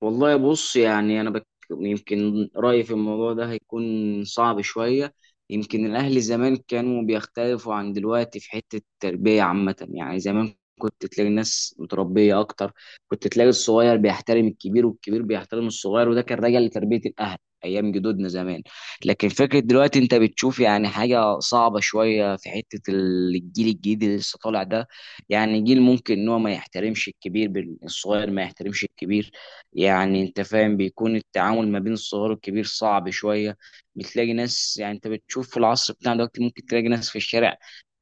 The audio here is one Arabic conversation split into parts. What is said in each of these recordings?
والله، بص يعني انا يمكن رايي في الموضوع ده هيكون صعب شويه. يمكن الاهل زمان كانوا بيختلفوا عن دلوقتي في حته التربيه عامه. يعني زمان كنت تلاقي الناس متربيه اكتر، كنت تلاقي الصغير بيحترم الكبير والكبير بيحترم الصغير، وده كان راجع لتربيه الاهل ايام جدودنا زمان. لكن فكره دلوقتي انت بتشوف يعني حاجه صعبه شويه في حته الجيل الجديد اللي لسه طالع ده. يعني جيل ممكن ان هو ما يحترمش الكبير، الصغير ما يحترمش الكبير. يعني انت فاهم، بيكون التعامل ما بين الصغير والكبير صعب شويه. بتلاقي ناس، يعني انت بتشوف في العصر بتاعنا دلوقتي ممكن تلاقي ناس في الشارع،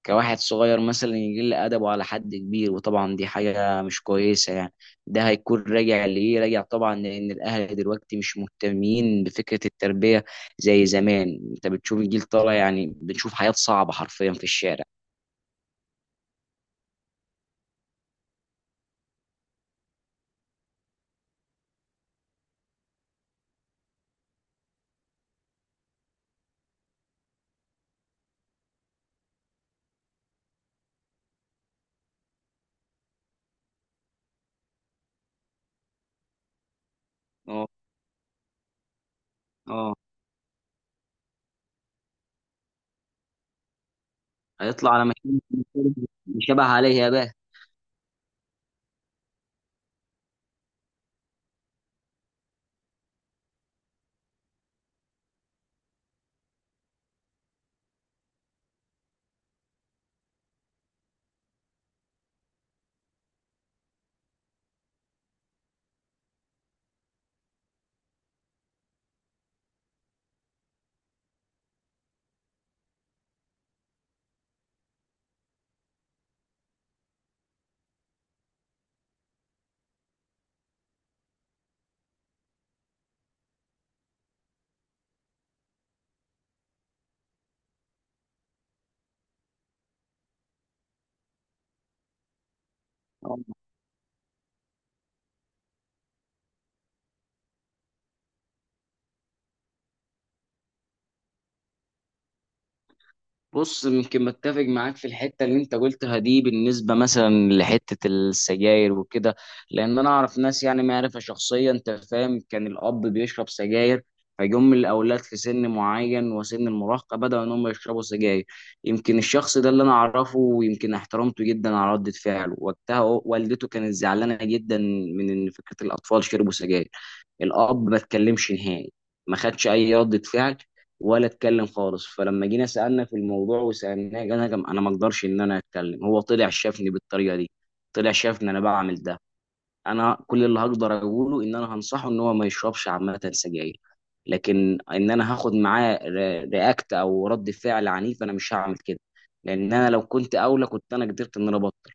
كواحد صغير مثلا يقل ادبه على حد كبير، وطبعا دي حاجه مش كويسه يعني. ده هيكون راجع لايه؟ راجع طبعا لان الاهل دلوقتي مش مهتمين بفكره التربيه زي زمان. انت بتشوف الجيل طالع، يعني بنشوف حياه صعبه حرفيا في الشارع. اه. اه. هيطلع على مكان، مش شبه عليه يا باه. بص، يمكن متفق معاك في الحته اللي انت قلتها دي بالنسبه مثلا لحته السجاير وكده. لان انا اعرف ناس، يعني معرفه شخصيه، انت فاهم، كان الاب بيشرب سجاير، فيجم الاولاد في سن معين وسن المراهقه بداوا ان هم يشربوا سجاير. يمكن الشخص ده اللي انا اعرفه ويمكن احترمته جدا على رده فعله وقتها، والدته كانت زعلانه جدا من ان فكره الاطفال شربوا سجاير. الاب ما اتكلمش نهائي، ما خدش اي ردة فعل، ولا اتكلم خالص. فلما جينا سالنا في الموضوع وسالناه، قال: انا ما اقدرش ان انا اتكلم، هو طلع شافني بالطريقه دي، طلع شافني انا بعمل ده. انا كل اللي هقدر اقوله ان انا هنصحه ان هو ما يشربش عامه سجاير. لكن ان انا هاخد معاه رياكت او رد فعل عنيف، انا مش هعمل كده. لان انا لو كنت اولى كنت انا قدرت ان انا ابطل.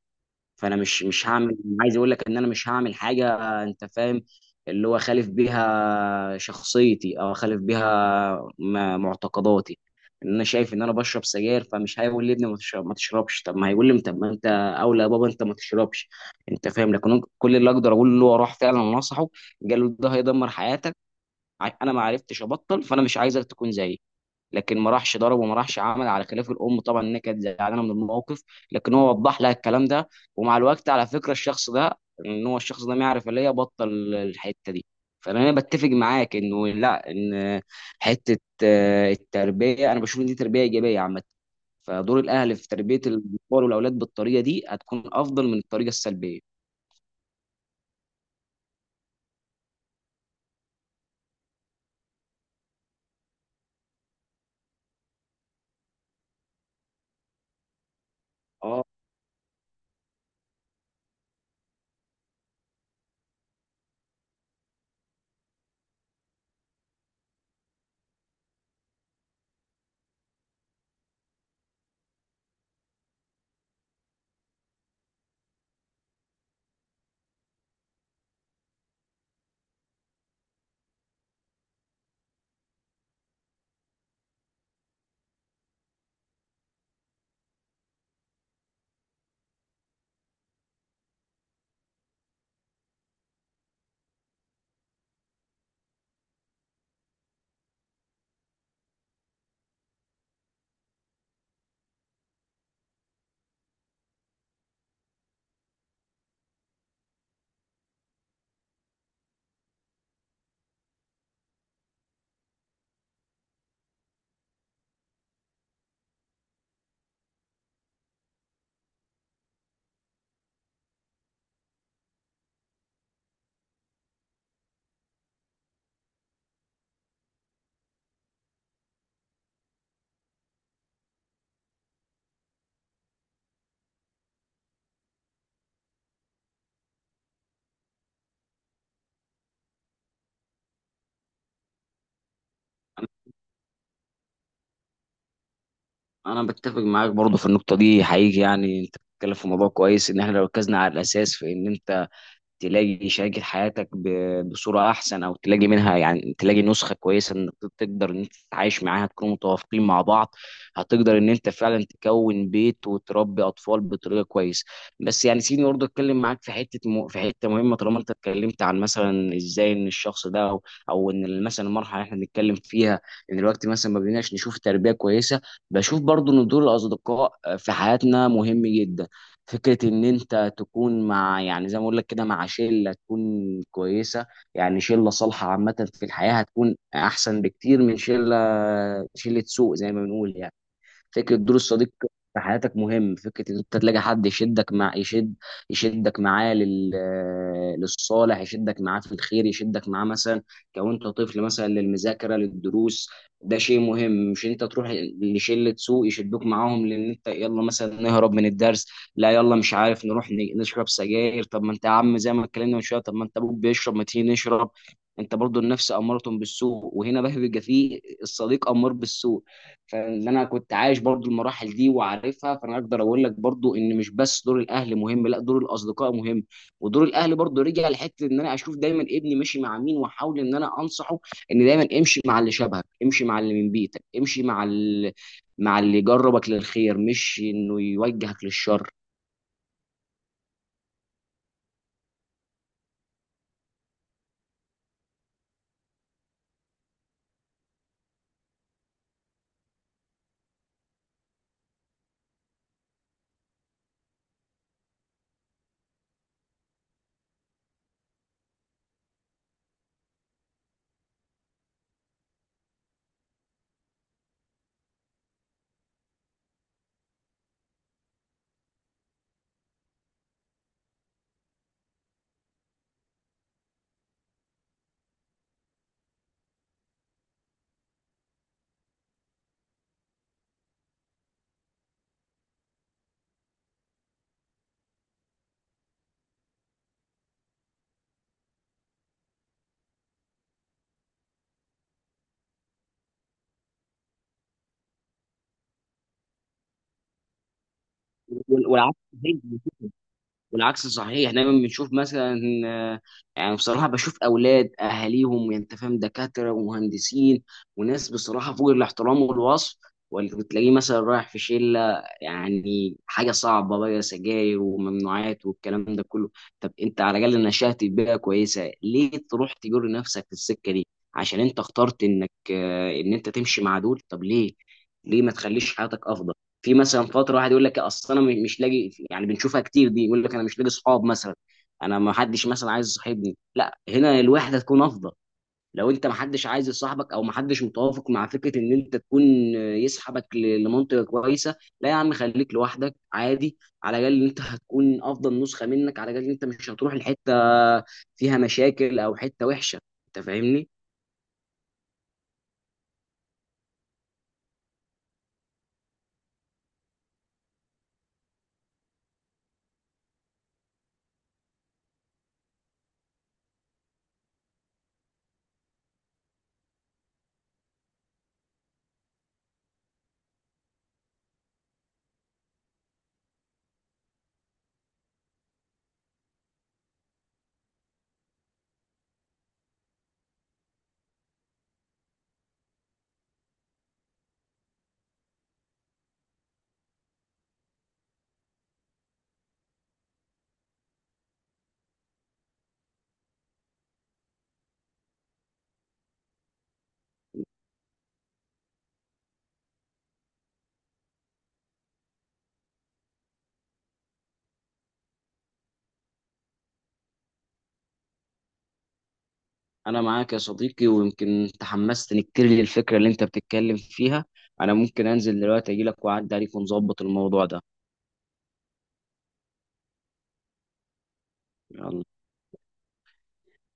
فانا مش هعمل، عايز اقول لك ان انا مش هعمل حاجه، انت فاهم، اللي هو خالف بيها شخصيتي او خالف بيها معتقداتي. ان انا شايف ان انا بشرب سجاير، فمش هيقول لي ابني ما تشربش، طب ما هيقول لي: طب ما انت اولى يا بابا، انت ما تشربش. انت فاهم. لكن كل اللي اقدر اقول له، هو راح فعلا نصحه، قال له: ده هيدمر حياتك، انا ما عرفتش ابطل، فانا مش عايزك تكون زيي. لكن ما راحش ضرب وما راحش عمل على خلاف الام، طبعا انها كانت زعلانه من الموقف، لكن هو وضح لها الكلام ده. ومع الوقت على فكره الشخص ده، ان هو الشخص ده ما يعرف اللي هي بطل، الحته دي. فانا بتفق معاك انه لا، ان حته التربيه، انا بشوف ان دي تربيه ايجابيه عامه. فدور الاهل في تربيه الاطفال والاولاد بالطريقه دي هتكون افضل من الطريقه السلبيه. اه. انا أنا بتفق معاك برضو في النقطه دي حقيقي. يعني انت بتتكلم في موضوع كويس، ان احنا لو ركزنا على الاساس في ان تلاقي شريكة حياتك بصورة أحسن، أو تلاقي منها يعني تلاقي نسخة كويسة إنك تقدر إن أنت تتعايش معاها، تكونوا متوافقين مع بعض، هتقدر إن أنت فعلا تكون بيت وتربي أطفال بطريقة كويسة. بس يعني سيبني برضه أتكلم معاك في حتة مهمة. طالما أنت اتكلمت عن مثلا إزاي إن الشخص ده أو إن مثلا المرحلة اللي إحنا بنتكلم فيها، إن الوقت مثلا ما بقيناش نشوف تربية كويسة. بشوف برضه إن دور الأصدقاء في حياتنا مهم جدا. فكرة إن أنت تكون مع، يعني زي ما أقول لك كده، مع شلة تكون كويسة. يعني شلة صالحة عامة في الحياة هتكون أحسن بكتير من شلة سوء زي ما بنقول يعني. فكره دور الصديق في حياتك مهم، فكره ان انت تلاقي حد يشدك معاه للصالح، يشدك معاه في الخير، يشدك معاه مثلا كونت طفل مثلا للمذاكره للدروس. ده شيء مهم. مش انت تروح لشله سوء يشدوك معاهم، لان انت يلا مثلا نهرب من الدرس، لا يلا مش عارف، نروح نشرب سجاير. طب ما انت يا عم زي ما اتكلمنا من شويه، طب ما انت ابوك بيشرب، ما تيجي نشرب. انت برضو النفس اماره بالسوء، وهنا بقى بيبقى فيه الصديق امار بالسوء. فان انا كنت عايش برضو المراحل دي وعارفها، فانا اقدر اقول لك برضو ان مش بس دور الاهل مهم، لا، دور الاصدقاء مهم. ودور الاهل برضو رجع لحته ان انا اشوف دايما ابني ماشي مع مين، واحاول ان انا انصحه ان دايما امشي مع اللي شبهك، امشي مع اللي من بيتك، امشي مع اللي يجربك للخير مش انه يوجهك للشر. والعكس، والعكس صحيح. دايما بنشوف مثلا آه، يعني بصراحه بشوف اولاد اهاليهم، يعني انت فاهم، دكاتره ومهندسين وناس بصراحه فوق الاحترام والوصف، واللي بتلاقيه مثلا رايح في شله، يعني حاجه صعبه بقى، سجاير وممنوعات والكلام ده كله. طب انت على الاقل نشأت في بيئه كويسه، ليه تروح تجر نفسك في السكه دي؟ عشان انت اخترت انك، ان انت تمشي مع دول. طب ليه ما تخليش حياتك افضل؟ في مثلا فتره واحد يقول لك: اصل انا مش لاقي، يعني بنشوفها كتير دي، يقول لك: انا مش لاقي صحاب مثلا، انا ما حدش مثلا عايز يصاحبني. لا، هنا الوحده تكون افضل. لو انت ما حدش عايز يصاحبك، او ما حدش متوافق مع فكره ان انت تكون يسحبك لمنطقه كويسه، لا يا عم، خليك لوحدك عادي، على الاقل انت هتكون افضل نسخه منك، على الاقل انت مش هتروح لحته فيها مشاكل او حته وحشه. انت فاهمني. انا معاك يا صديقي، ويمكن تحمست، نكر لي الفكره اللي انت بتتكلم فيها. انا ممكن انزل دلوقتي اجي لك واعدي عليك ونظبط الموضوع ده. يلا.